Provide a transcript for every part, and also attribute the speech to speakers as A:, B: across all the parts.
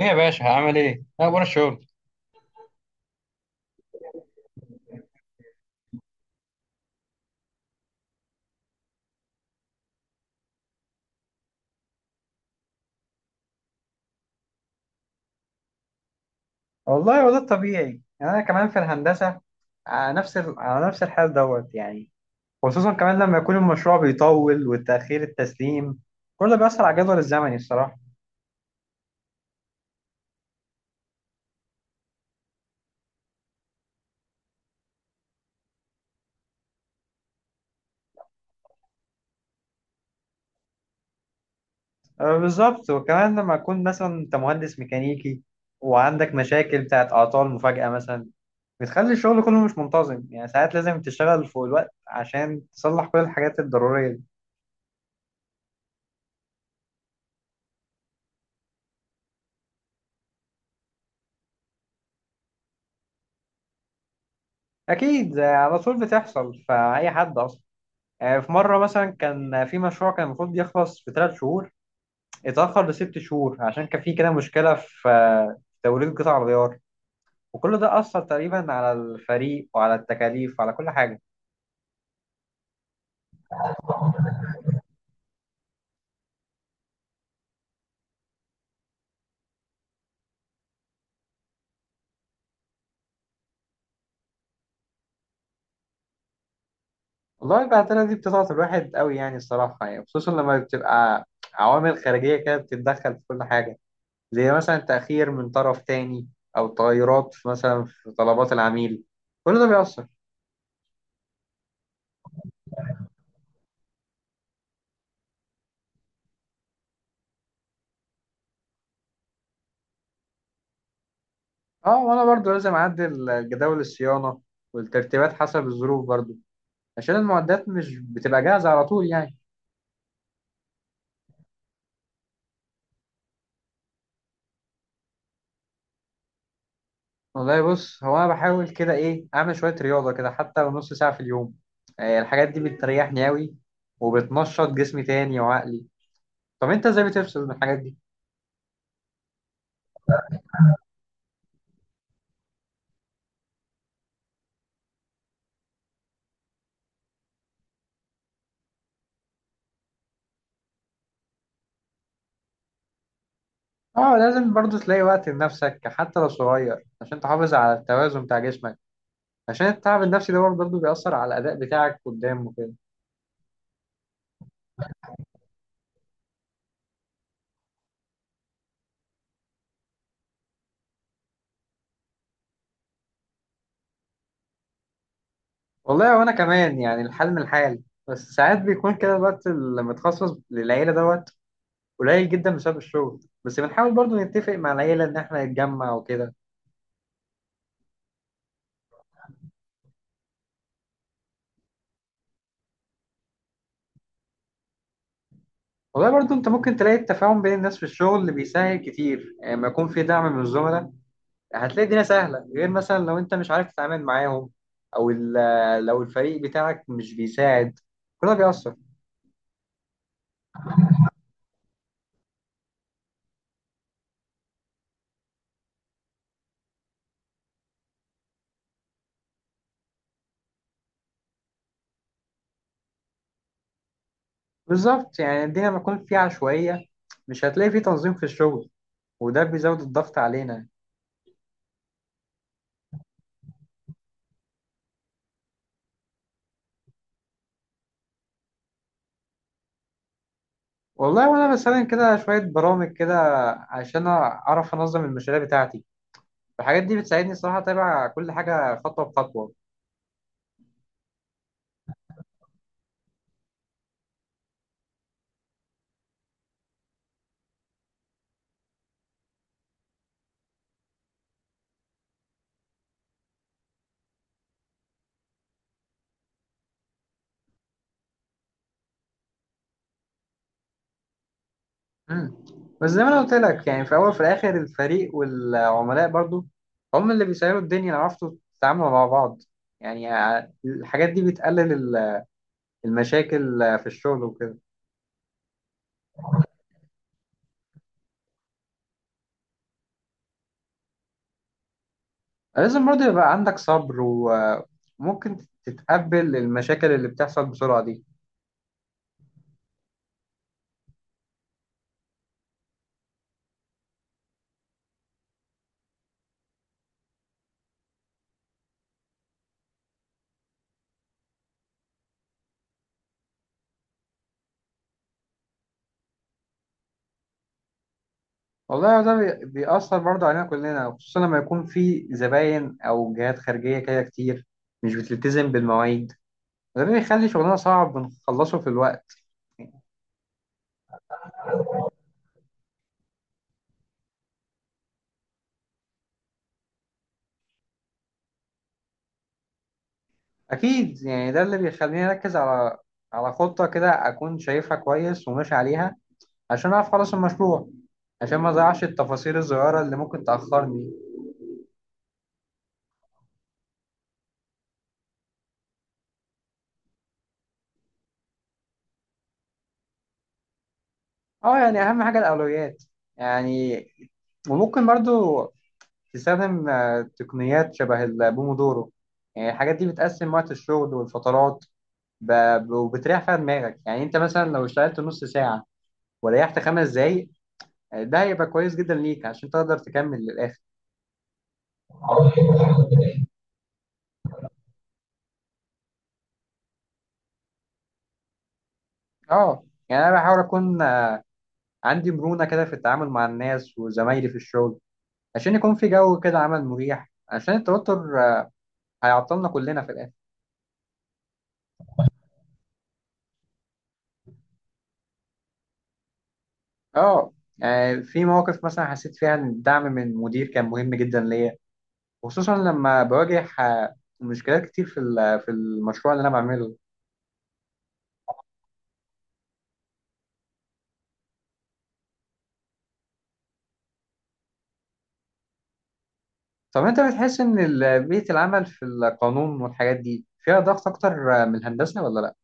A: ايه يا باشا عامل ايه؟ إيه اخبار الشغل؟ والله هو ده الطبيعي يعني انا كمان في الهندسه. على نفس الحال دوت يعني. خصوصا كمان لما يكون المشروع بيطول والتاخير التسليم، كل ده بيأثر على الجدول الزمني الصراحه. أه بالظبط، وكمان لما يكون مثلا انت مهندس ميكانيكي وعندك مشاكل بتاعت اعطال مفاجاه مثلا، بتخلي الشغل كله مش منتظم يعني. ساعات لازم تشتغل فوق الوقت عشان تصلح كل الحاجات الضروريه دي. اكيد على طول بتحصل فاي حد اصلا. في مرة مثلا كان في مشروع كان المفروض يخلص في 3 شهور، اتأخر 6 شهور عشان كان في كده مشكلة في توريد قطع الغيار. وكل ده أثر تقريبا على الفريق وعلى التكاليف وعلى كل حاجة. والله البهدلة دي بتضغط الواحد قوي يعني الصراحة يعني، خصوصا لما بتبقى عوامل خارجية كده بتتدخل في كل حاجة، زي مثلا تأخير من طرف تاني، أو تغيرات مثلا في طلبات العميل، كل ده بيأثر. اه، وأنا برضو لازم أعدل جداول الصيانة والترتيبات حسب الظروف برضو، عشان المعدات مش بتبقى جاهزة على طول يعني. والله بص، هو أنا بحاول كده إيه أعمل شوية رياضة كده حتى لو نص ساعة في اليوم. الحاجات دي بتريحني أوي وبتنشط جسمي تاني وعقلي. طب أنت إزاي بتفصل من الحاجات دي؟ أه، لازم برضه تلاقي وقت لنفسك حتى لو صغير عشان تحافظ على التوازن بتاع جسمك، عشان التعب النفسي ده برضه بيأثر على الأداء بتاعك قدام وكده. والله وأنا كمان يعني الحال من الحال، بس ساعات بيكون كده الوقت اللي متخصص للعيلة دوت قليل جدا بسبب الشغل، بس بنحاول برضو نتفق مع العيلة إن إحنا نتجمع وكده. والله برضو أنت ممكن تلاقي التفاهم بين الناس في الشغل اللي بيسهل كتير، يعني لما يكون في دعم من الزملاء هتلاقي الدنيا سهلة، غير مثلا لو أنت مش عارف تتعامل معاهم، أو لو الفريق بتاعك مش بيساعد، كل ده بيأثر. بالظبط، يعني الدنيا لما تكون فيها عشوائية مش هتلاقي فيه تنظيم في الشغل، وده بيزود الضغط علينا. والله وأنا بستخدم كده شوية برامج كده عشان أعرف أنظم المشاريع بتاعتي. الحاجات دي بتساعدني الصراحه اتابع كل حاجه خطوه بخطوه. امم بس زي ما انا قلت لك يعني في الاول وفي الاخر الفريق والعملاء برضو هم اللي بيسيروا الدنيا لو عرفتوا تتعاملوا مع بعض، يعني الحاجات دي بتقلل المشاكل في الشغل وكده. لازم برضو يبقى عندك صبر وممكن تتقبل المشاكل اللي بتحصل بسرعة دي. والله ده بيأثر برضو علينا كلنا، خصوصا لما يكون في زباين أو جهات خارجية كده كتير مش بتلتزم بالمواعيد، ده اللي بيخلي شغلنا صعب بنخلصه في الوقت. أكيد، يعني ده اللي بيخليني أركز على خطة كده أكون شايفها كويس وماشي عليها عشان أعرف أخلص المشروع، عشان ما أضيعش التفاصيل الصغيرة اللي ممكن تأخرني. أه، يعني أهم حاجة الأولويات يعني، وممكن برضو تستخدم تقنيات شبه البومودورو، يعني الحاجات دي بتقسم وقت الشغل والفترات، وبتريح فيها دماغك. يعني أنت مثلا لو اشتغلت نص ساعة وريحت 5 دقايق، ده هيبقى كويس جدا ليك عشان تقدر تكمل للآخر. اه، يعني أنا بحاول أكون عندي مرونة كده في التعامل مع الناس وزمايلي في الشغل، عشان يكون في جو كده عمل مريح، عشان التوتر هيعطلنا كلنا في الآخر. اه. في مواقف مثلا حسيت فيها ان الدعم من المدير كان مهم جدا ليا، خصوصا لما بواجه مشكلات كتير في المشروع اللي انا بعمله. طب انت بتحس ان بيئة العمل في القانون والحاجات دي فيها ضغط اكتر من الهندسة ولا لا؟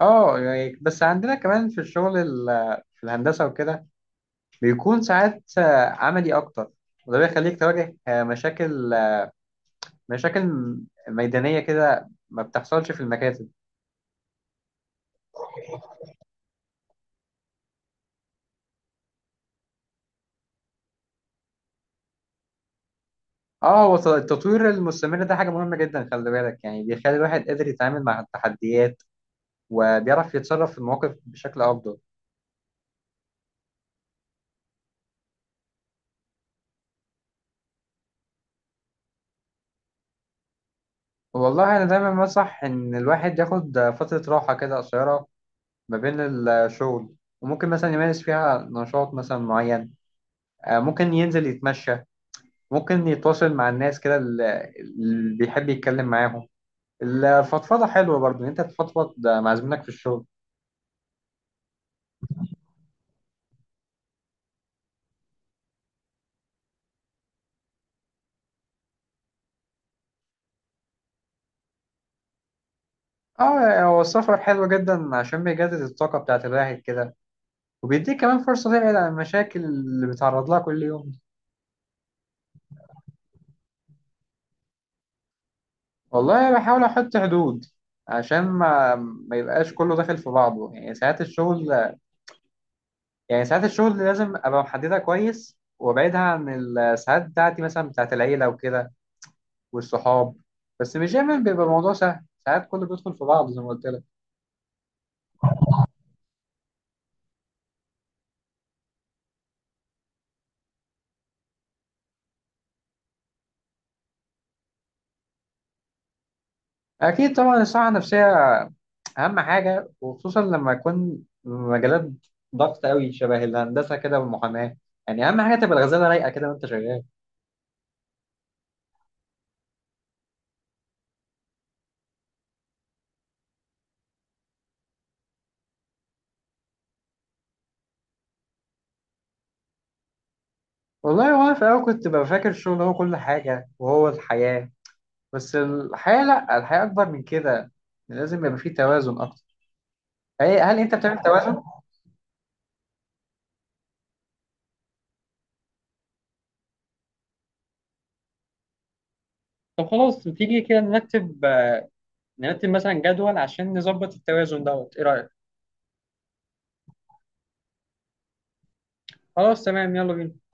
A: اه، يعني بس عندنا كمان في الشغل في الهندسة وكده بيكون ساعات عملي أكتر، وده بيخليك تواجه مشاكل ميدانية كده ما بتحصلش في المكاتب. اه، هو التطوير المستمر ده حاجة مهمة جدا خلي بالك، يعني بيخلي الواحد قادر يتعامل مع التحديات وبيعرف يتصرف في المواقف بشكل أفضل. والله أنا دايما بنصح إن الواحد ياخد فترة راحة كده قصيرة ما بين الشغل، وممكن مثلا يمارس فيها نشاط مثلا معين. ممكن ينزل يتمشى، ممكن يتواصل مع الناس كده اللي بيحب يتكلم معاهم. الفضفضة حلوة برضو إن انت تفضفض مع زميلك في الشغل. اه، هو السفر حلو جدا عشان بيجدد الطاقة بتاعت الواحد كده وبيديك كمان فرصة تبعد عن المشاكل اللي بيتعرض لها كل يوم. والله بحاول أحط حدود عشان ما يبقاش كله داخل في بعضه. يعني ساعات الشغل لازم أبقى محددها كويس وأبعدها عن الساعات بتاعتي مثلا بتاعت العيلة وكده والصحاب، بس مش دايما بيبقى الموضوع سهل ساعات كله بيدخل في بعض زي ما قلت لك. اكيد طبعا، الصحه النفسيه اهم حاجه، وخصوصا لما يكون مجالات ضغط قوي شبه الهندسه كده والمحاماه، يعني اهم حاجه تبقى الغزاله رايقه كده وانت شغال. والله وانا في الاول كنت ببقى فاكر الشغل هو كل حاجه وهو الحياه، بس الحياه لا، الحياه اكبر من كده، لازم يبقى فيه توازن اكتر. هل انت بتعمل توازن؟ طب خلاص تيجي كده نرتب مثلا جدول عشان نظبط التوازن دوت، ايه رأيك؟ خلاص تمام يلا بينا.